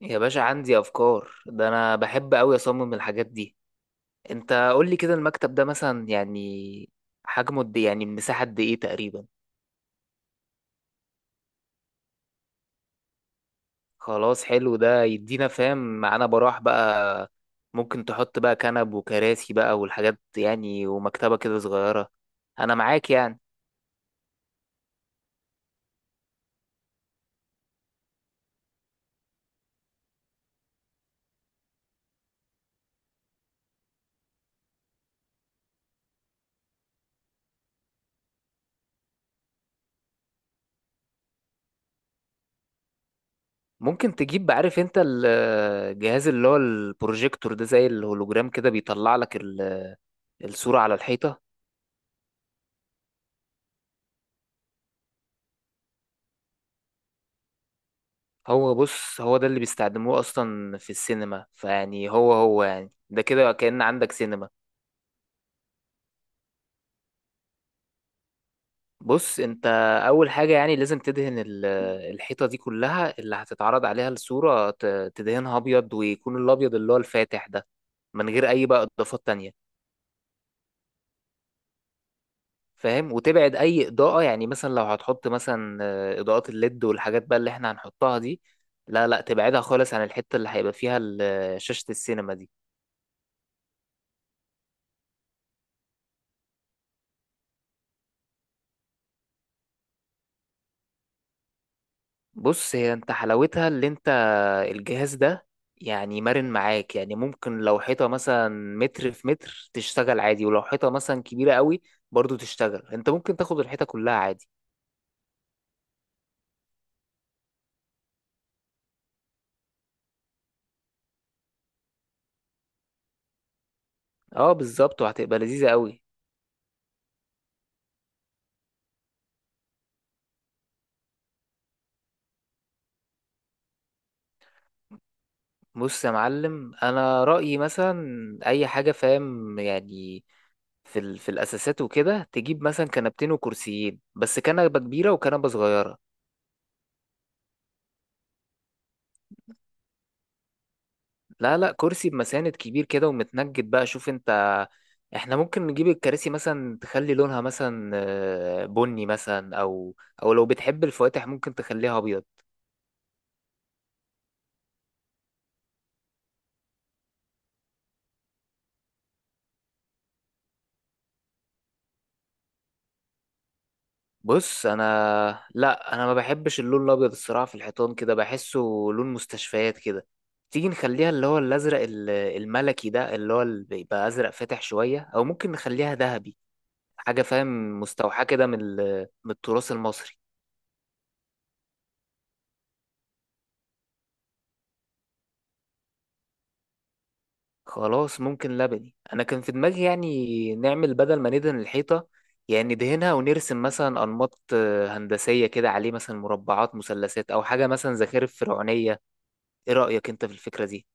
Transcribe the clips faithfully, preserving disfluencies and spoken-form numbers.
يا باشا عندي افكار، ده انا بحب قوي اصمم الحاجات دي. انت قول لي كده، المكتب ده مثلا يعني حجمه قد إيه؟ يعني المساحه قد ايه تقريبا؟ خلاص حلو، ده يدينا فاهم معانا براح بقى. ممكن تحط بقى كنب وكراسي بقى والحاجات يعني ومكتبه كده صغيره. انا معاك يعني. ممكن تجيب عارف انت الجهاز اللي هو البروجيكتور ده؟ زي الهولوجرام كده بيطلع لك ال- الصوره على الحيطه. هو بص، هو ده اللي بيستخدموه اصلا في السينما، فيعني هو هو يعني ده كده كأن عندك سينما. بص انت، اول حاجة يعني لازم تدهن ال- الحيطة دي كلها اللي هتتعرض عليها الصورة، ت- تدهنها ابيض، ويكون الابيض اللي هو الفاتح ده، من غير اي بقى اضافات تانية، فاهم؟ وتبعد اي اضاءة. يعني مثلا لو هتحط مثلا آه، اضاءات الليد والحاجات بقى اللي احنا هنحطها دي، لا لا تبعدها خالص عن الحتة اللي هيبقى فيها ال- شاشة السينما دي. بص هي انت حلاوتها اللي انت، الجهاز ده، يعني مرن معاك. يعني ممكن لو حيطة مثلا متر في متر تشتغل عادي، ولو حيطة مثلا كبيرة قوي برضو تشتغل. انت ممكن تاخد الحيطة كلها عادي. اه بالظبط، وهتبقى لذيذة قوي. بص يا معلم، انا رأيي مثلا اي حاجة فاهم يعني، في ال... في الاساسات وكده، تجيب مثلا كنبتين وكرسيين، بس كنبة كبيرة وكنبة صغيرة. لا لا، كرسي بمساند كبير كده ومتنجد بقى. شوف انت، احنا ممكن نجيب الكراسي مثلا، تخلي لونها مثلا آه، بني مثلا، او او لو بتحب الفواتح ممكن تخليها ابيض. بص انا، لا انا ما بحبش اللون الابيض الصراحه في الحيطان، كده بحسه لون مستشفيات كده. تيجي نخليها اللي هو الازرق ال- الملكي ده، اللي هو اللي بيبقى ازرق فاتح شويه، او ممكن نخليها ذهبي، حاجه فاهم مستوحاه كده من ال- من التراث المصري. خلاص، ممكن لبني. انا كان في دماغي يعني نعمل، بدل ما ندهن الحيطه يعني ندهنها، ونرسم مثلا انماط آه، هندسيه كده عليه، مثلا مربعات مثلثات، او حاجه مثلا زخارف فرعونيه. ايه رايك انت في الفكره دي؟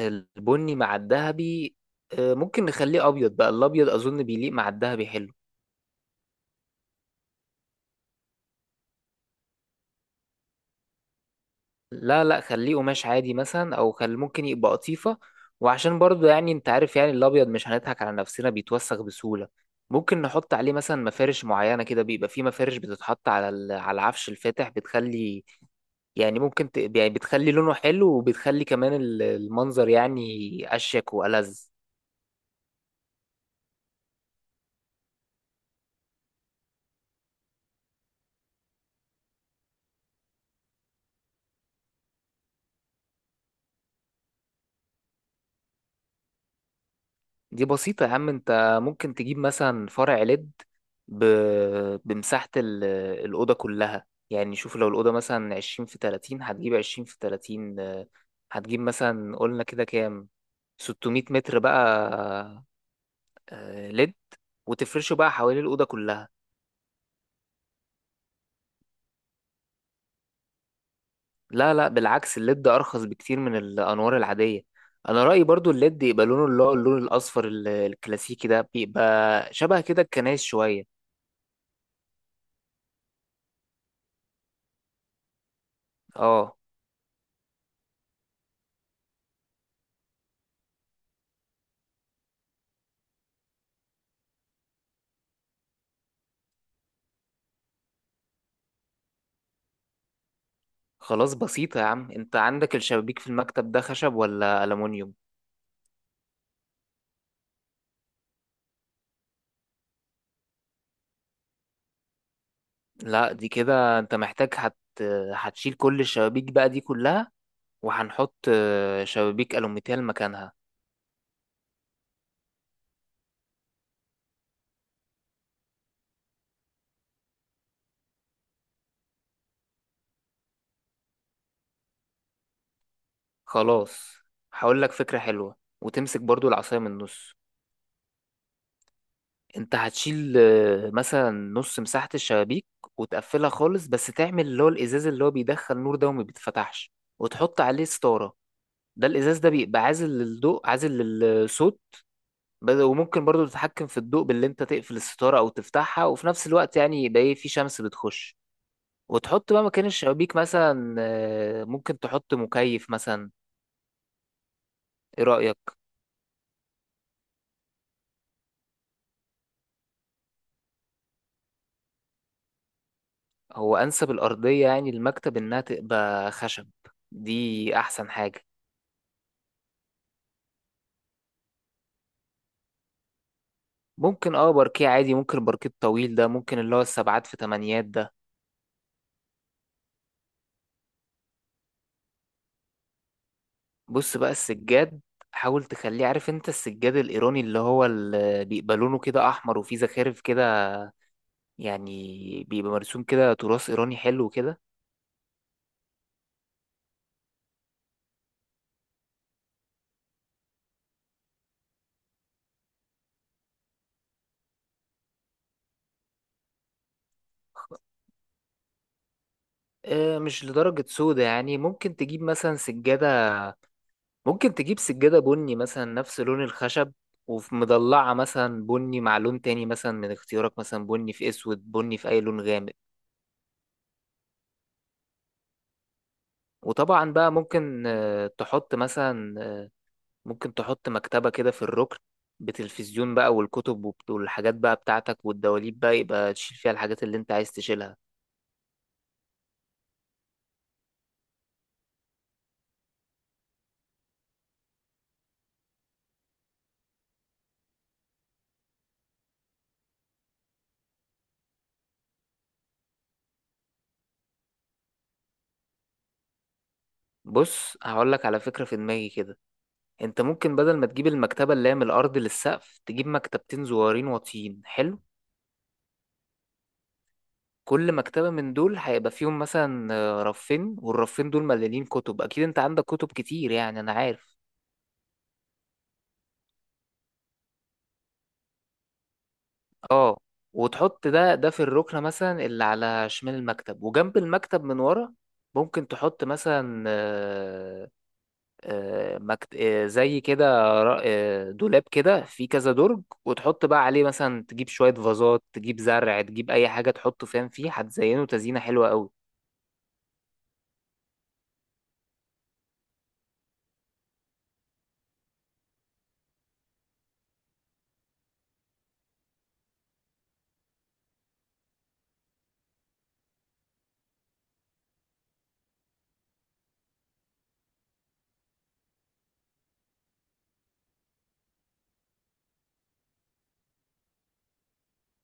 البني مع الذهبي آه، ممكن نخليه ابيض بقى، الابيض اظن بيليق مع الذهبي حلو. لا لا، خليه قماش عادي مثلا، او خل ممكن يبقى قطيفة. وعشان برضو يعني انت عارف يعني الابيض، مش هنضحك على نفسنا، بيتوسخ بسهولة. ممكن نحط عليه مثلا مفارش معينة كده، بيبقى فيه مفارش بتتحط على ال- على العفش الفاتح، بتخلي يعني ممكن ت... يعني بتخلي لونه حلو، وبتخلي كمان ال- المنظر يعني اشيك والذ. دي بسيطة يا عم، انت ممكن تجيب مثلا فرع ليد، ب... بمساحة ال... الأوضة كلها. يعني شوف لو الأوضة مثلا عشرين في تلاتين، هتجيب عشرين في تلاتين آه، هتجيب مثلا، قلنا كده كام، ستمية متر بقى آه، ليد، وتفرشه بقى حوالين الأوضة كلها. لا لا بالعكس، الليد أرخص بكتير من الأنوار العادية. أنا رأيي برضو الليد يبقى لونه اللي هو اللون الأصفر ال- الكلاسيكي ده، بيبقى شبه كده الكنايس شوية. اه خلاص بسيطة يا عم، انت عندك الشبابيك في المكتب ده خشب ولا ألمونيوم؟ لا دي كده انت محتاج هت... هتشيل كل الشبابيك بقى دي كلها، وهنحط آه، شبابيك ألوميتال مكانها. خلاص، هقول لك فكرة حلوة وتمسك برضو العصاية من النص. انت هتشيل آه، مثلا نص مساحة الشبابيك وتقفلها خالص، بس تعمل اللي هو الإزاز اللي هو بيدخل نور ده وما بيتفتحش، وتحط عليه ستارة. ده الإزاز ده بيبقى عازل للضوء عازل للصوت. بس- وممكن برضو تتحكم في الضوء باللي انت تقفل الستارة او تفتحها، وفي نفس الوقت يعني يبقى ايه، في شمس بتخش. وتحط بقى مكان الشبابيك مثلا آه، ممكن تحط مكيف مثلا. ايه رأيك؟ هو انسب الارضية يعني المكتب انها تبقى خشب، دي احسن حاجة. ممكن اه باركيه عادي، ممكن الباركيه الطويل ده، ممكن اللي هو السبعات في تمانيات ده. بص بقى السجاد، حاول تخليه عارف انت السجاد الايراني، اللي هو اللي بيبقى لونه كده احمر وفيه زخارف كده، يعني بيبقى مرسوم كده تراث إيراني حلو كده. آه، مش لدرجة سودا يعني، ممكن تجيب مثلا سجادة، ممكن تجيب سجادة بني مثلا نفس لون الخشب، وفي مضلعة مثلا بني مع لون تاني مثلا من اختيارك، مثلا بني في أسود، بني في أي لون غامق. وطبعا بقى ممكن آه، تحط مثلا آه، ممكن تحط مكتبة كده في الركن، بتلفزيون بقى والكتب وبت- والحاجات بقى بتاعتك والدواليب بقى، يبقى تشيل فيها الحاجات اللي انت عايز تشيلها. بص هقولك على فكرة في دماغي كده، انت ممكن بدل ما تجيب المكتبة اللي هي من الأرض للسقف، تجيب مكتبتين صغيرين واطيين حلو. كل مكتبة من دول هيبقى فيهم مثلا آه، رفين، والرفين دول مليانين كتب، أكيد انت عندك كتب كتير يعني أنا عارف. اه، وتحط ده ده في الركنة مثلا اللي على شمال المكتب، وجنب المكتب من ورا ممكن تحط مثلا آه، آه، مكت... آه، زي كده، را- آه، دولاب كده فيه كذا درج، وتحط بقى عليه مثلا، تجيب شوية فازات، تجيب زرع، تجيب أي حاجة تحطه فاهم فيه، هتزينه تزيينة حلوة قوي.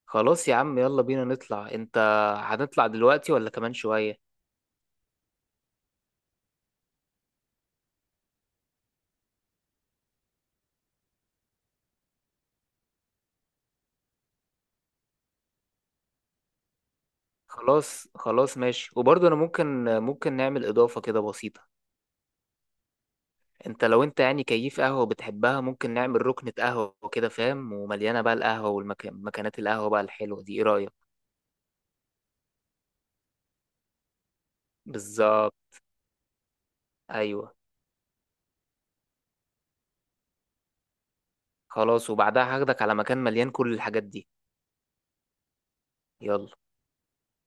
خلاص يا عم، يلا بينا نطلع. أنت، هنطلع دلوقتي ولا كمان شوية؟ خلاص خلاص ماشي. وبرضه أنا ممكن ممكن نعمل إضافة كده بسيطة. أنت لو أنت يعني كيف قهوة بتحبها، ممكن نعمل ركنة قهوة كده فاهم، ومليانة بقى القهوة والمكانات القهوة بقى الحلوة دي، إيه رأيك؟ بالظبط. أيوه. خلاص، وبعدها هاخدك على مكان مليان كل الحاجات دي. يلا.